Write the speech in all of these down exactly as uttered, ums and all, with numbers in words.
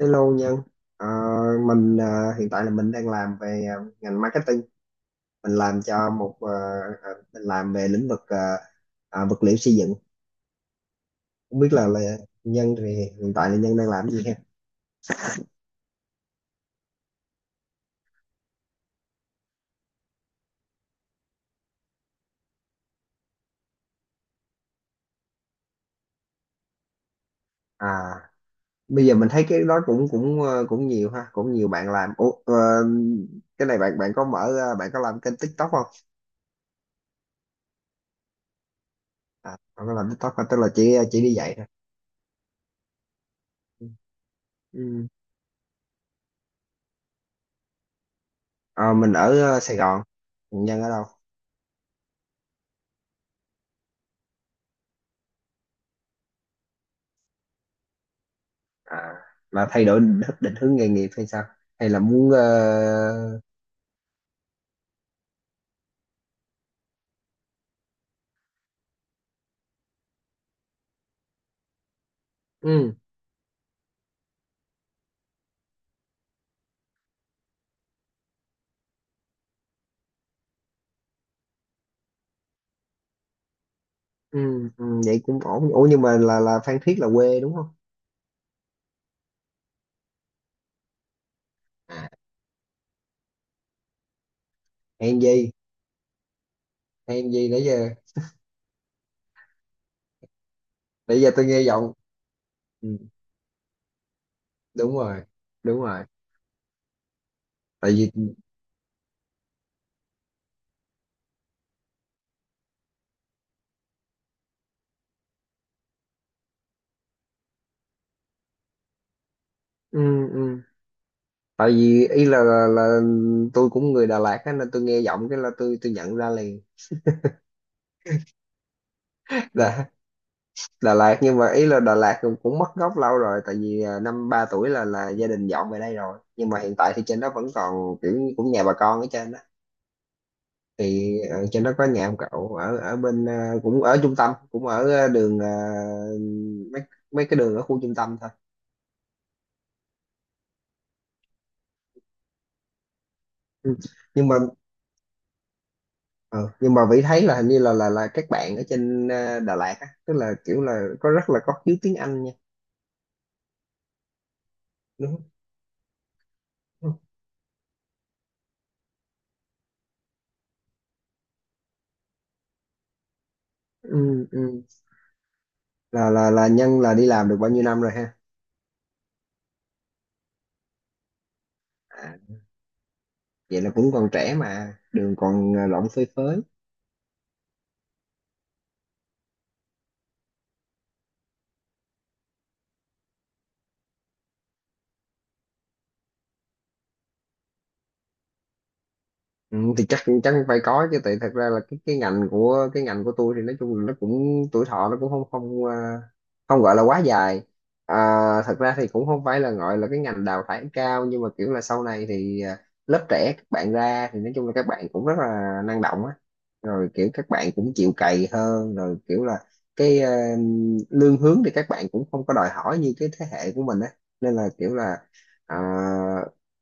Hello Nhân, Ờ, mình ờ, hiện tại là mình đang làm về ờ, ngành marketing, mình làm cho một ờ, ờ, mình làm về lĩnh vực ờ, ờ, vật liệu xây dựng. Không biết là, là Nhân thì hiện tại là Nhân đang làm cái gì ha? À, bây giờ mình thấy cái đó cũng cũng ờ, cũng nhiều ha, cũng nhiều bạn làm. Ủa, ờ, cái này bạn bạn có mở ờ, bạn có làm kênh TikTok không? À, bạn có làm TikTok không? Tức là chỉ chỉ đi dạy thôi. Ừ. Ừ. Ờ, mình ở ờ, Sài Gòn, Nhân ở đâu? à, mà thay đổi định, định hướng nghề nghiệp hay sao, hay là muốn ờ, ừ, ừ, ừ, vậy cũng ổn. Ủa nhưng mà là là Phan Thiết là quê đúng không? Hèn gì hèn gì nãy giờ nãy giờ tôi nghe giọng. Ừ, đúng rồi, đúng rồi. Tại vì ừ, ừ. Tại vì ý là, là là tôi cũng người Đà Lạt á nên tôi nghe giọng cái là tôi tôi nhận ra liền. Là Đà Lạt nhưng mà ý là Đà Lạt cũng, cũng mất gốc lâu rồi tại vì à, năm ba tuổi là là gia đình dọn về đây rồi, nhưng mà hiện tại thì trên đó vẫn còn kiểu như cũng nhà bà con ở trên đó. Thì ờ, trên đó có nhà ông cậu ở ở bên ờ, cũng ở trung tâm, cũng ở ờ, đường ờ, mấy mấy cái đường ở khu trung tâm thôi. Ừ. Nhưng mà ờ, nhưng mà Vĩ thấy là hình như là là là các bạn ở trên ờ, Đà Lạt á, tức là kiểu là có rất là có khiếu tiếng Anh nha, đúng không? Ừ, ừ. là là là nhân là đi làm được bao nhiêu năm rồi ha? À, vậy là cũng còn trẻ mà đường còn à, lộn phơi phới. Ừ, thì chắc chắc phải có chứ, tại thật ra là cái cái ngành của cái ngành của tôi thì nói chung là nó cũng tuổi thọ nó cũng không không à, không gọi là quá dài. à, Thật ra thì cũng không phải là gọi là cái ngành đào thải cao nhưng mà kiểu là sau này thì à, lớp trẻ các bạn ra thì nói chung là các bạn cũng rất là năng động á, rồi kiểu các bạn cũng chịu cày hơn, rồi kiểu là cái à, lương hướng thì các bạn cũng không có đòi hỏi như cái thế hệ của mình á, nên là kiểu là à,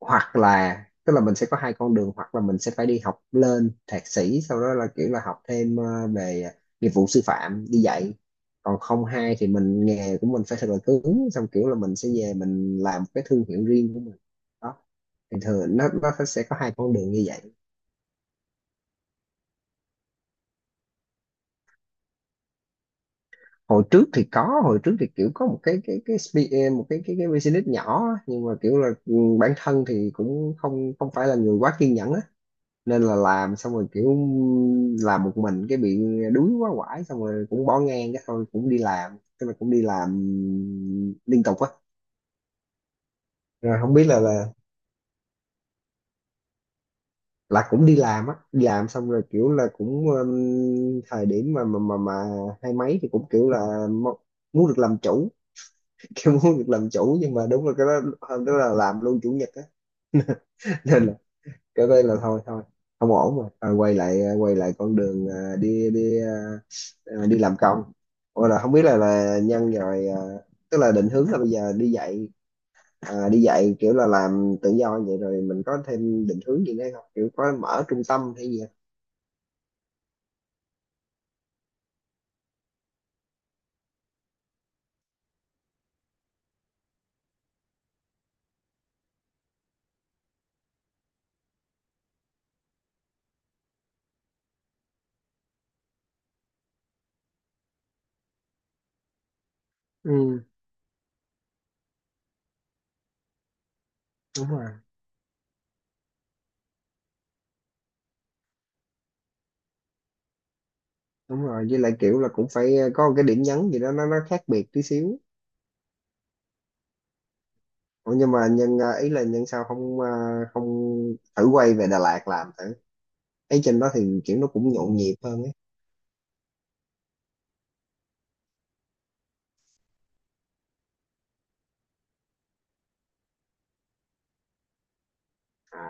hoặc là tức là mình sẽ có hai con đường, hoặc là mình sẽ phải đi học lên thạc sĩ sau đó là kiểu là học thêm ờ, về nghiệp vụ sư phạm đi dạy, còn không hai thì mình nghề của mình phải thật là cứng xong kiểu là mình sẽ về mình làm cái thương hiệu riêng của mình đó. Thì thường nó nó sẽ có hai con đường như vậy. Hồi trước thì có, hồi trước thì kiểu có một cái cái cái spe- ờ, một cái cái cái business nhỏ á, nhưng mà kiểu là ừ, bản thân thì cũng không không phải là người quá kiên nhẫn á, nên là làm xong rồi kiểu làm một mình cái bị đuối quá quải xong rồi cũng bỏ ngang cái thôi, cũng đi làm, tức là cũng đi làm liên tục á. Rồi không biết là là là cũng đi làm á, đi làm xong rồi kiểu là cũng um, thời điểm mà mà mà mà hai mấy thì cũng kiểu là mo- muốn được làm chủ, kiểu muốn được làm chủ, nhưng mà đúng là cái đó hôm đó là làm luôn chủ nhật á. Nên là cái đây là thôi thôi không ổn rồi. Ờ, quay lại à, quay lại con đường à, đi đi à, à, đi làm công. Ủa là không biết là là nhân rồi à, tức là định hướng là bây giờ đi dạy, à, đi dạy kiểu là làm tự do, vậy rồi mình có thêm định hướng gì nữa không, kiểu có mở trung tâm hay gì không? Ừ, đúng rồi, đúng rồi. Với lại kiểu là cũng phải có một cái điểm nhấn gì đó nó nó khác biệt tí xíu. Ủa nhưng mà nhân à, ý là nhân sao không à, không thử quay về Đà Lạt làm thử. Ấy trên đó thì kiểu nó cũng nhộn nhịp hơn ấy.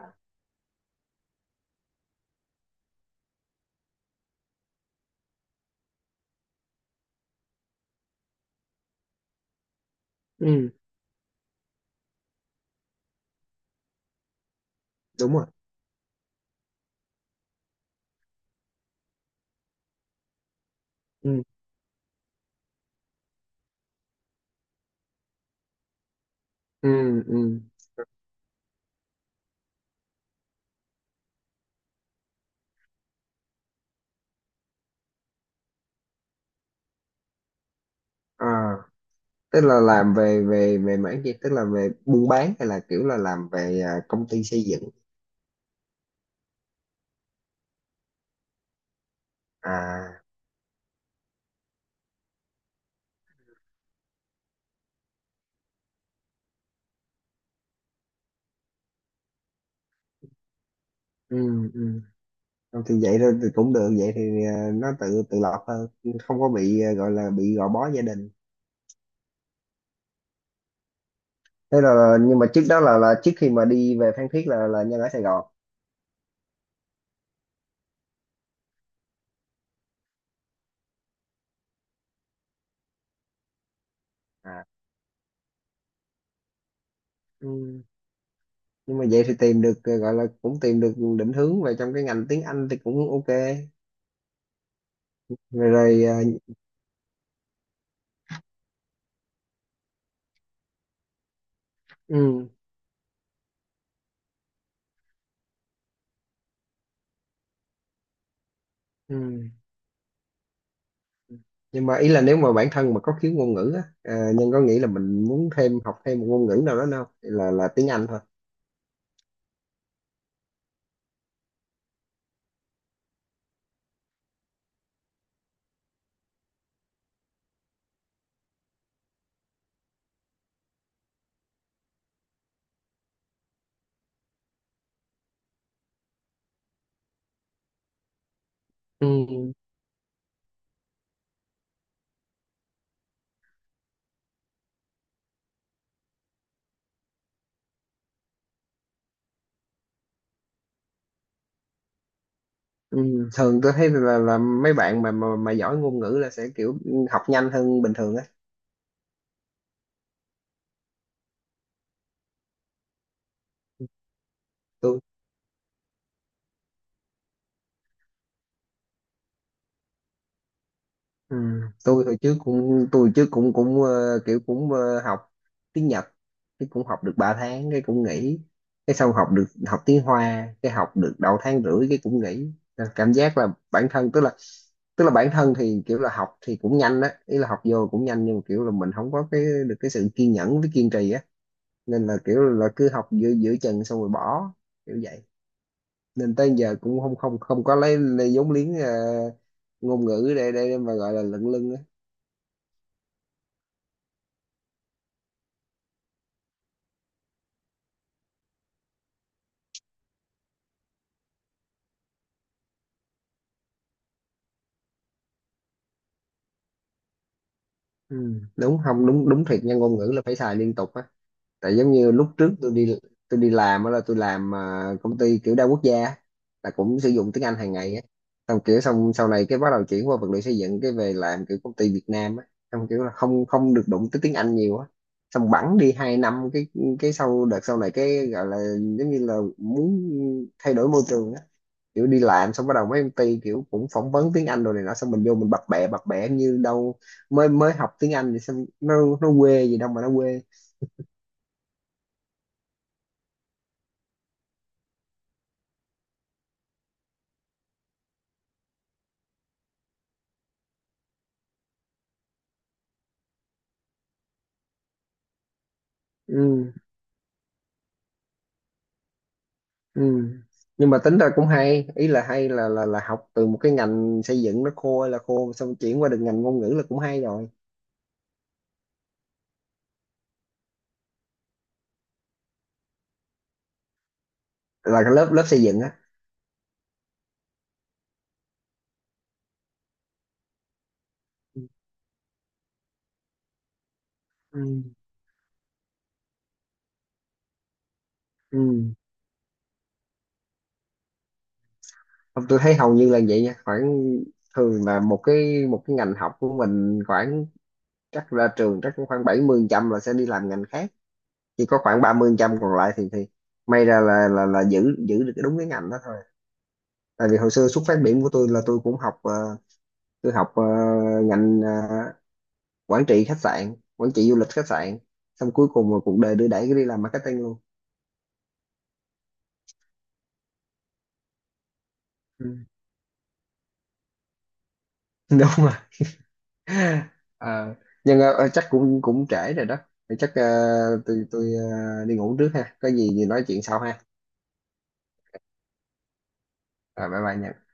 Ừ, đúng rồi. Ừ. Ừ. Ừ. à Tức là làm về về về mảng gì, tức là về buôn bán hay là kiểu là làm về à, công ty xây dựng. À. Ừ. Ừ. Không thì vậy thôi thì cũng được, vậy thì à, nó tự tự lập hơn, không có bị à, gọi là bị gò bó gia đình. Thế là nhưng mà trước đó là là trước khi mà đi về Phan Thiết là là Nhân ở Sài Gòn. À. Ừ. Nhưng mà vậy thì tìm được à, gọi là cũng tìm được định hướng về trong cái ngành tiếng Anh thì cũng ok. Rồi rồi à, ừ, ừ. Nhưng mà ý là nếu mà bản thân mà có khiếu ngôn ngữ á, à, Nhân có nghĩ là mình muốn thêm học thêm một ngôn ngữ nào đó, đâu là là tiếng Anh thôi. Ừ. Ừ. Thường tôi thấy là, là mấy bạn mà, mà mà giỏi ngôn ngữ là sẽ kiểu học nhanh hơn bình thường á. Tôi. Ừ. Tôi hồi trước cũng tôi trước cũng cũng ờ, kiểu cũng ờ, học tiếng Nhật cái cũng học được ba tháng cái cũng nghỉ, cái xong học được học tiếng Hoa cái học được đầu tháng rưỡi cái cũng nghỉ. Nên cảm giác là bản thân tức là tức là bản thân thì kiểu là học thì cũng nhanh á, ý là học vô cũng nhanh, nhưng mà kiểu là mình không có cái được cái sự kiên nhẫn với kiên trì á, nên là kiểu là cứ học giữa giữa chừng xong rồi bỏ, kiểu vậy. Nên tới giờ cũng không không không có lấy, lấy vốn liếng ờ, ngôn ngữ để để mà gọi là lận lưng. Ừ, đúng không, đúng đúng thiệt nha, ngôn ngữ là phải xài liên tục á. Tại giống như lúc trước tôi đi, tôi đi làm á là tôi làm à, công ty kiểu đa quốc gia á, là cũng sử dụng tiếng Anh hàng ngày á, xong kiểu xong sau này cái bắt đầu chuyển qua vật liệu xây dựng cái về làm kiểu công ty Việt Nam á, xong kiểu là không không được đụng tới tiếng Anh nhiều á, xong bẵng đi hai năm cái cái sau đợt sau này cái gọi là giống như là muốn thay đổi môi trường á, kiểu đi làm xong bắt đầu mấy công ty kiểu cũng phỏng vấn tiếng Anh rồi này nọ xong mình vô mình bập bẹ bập bẹ như đâu mới mới học tiếng Anh, thì xong nó nó quê gì đâu mà nó quê. Ừ, ừ. Nhưng mà tính ra cũng hay, ý là hay là là là học từ một cái ngành xây dựng nó khô hay là khô xong chuyển qua được ngành ngôn ngữ là cũng hay rồi. Là cái lớp lớp xây dựng á. Ừ. Ừ. Không, tôi thấy hầu như là vậy nha, khoảng thường là một cái một cái ngành học của mình khoảng chắc ra trường chắc cũng khoảng bảy mươi phần trăm là sẽ đi làm ngành khác, chỉ có khoảng ba mươi phần trăm còn lại thì thì may ra là là là giữ giữ được cái đúng cái ngành đó thôi. Tại vì hồi xưa xuất phát điểm của tôi là tôi cũng học ờ, tôi học ờ, ngành ờ, quản trị khách sạn quản trị du lịch khách sạn, xong cuối cùng mà cuộc đời đưa đẩy cái đi làm marketing luôn. Ừ. Đúng rồi. Ờ, nhưng ờ, ờ, chắc cũng cũng trễ rồi đó. Thì chắc ờ, tôi tôi ờ, đi ngủ trước ha, có gì thì nói chuyện sau ha. Rồi, bye bye nha.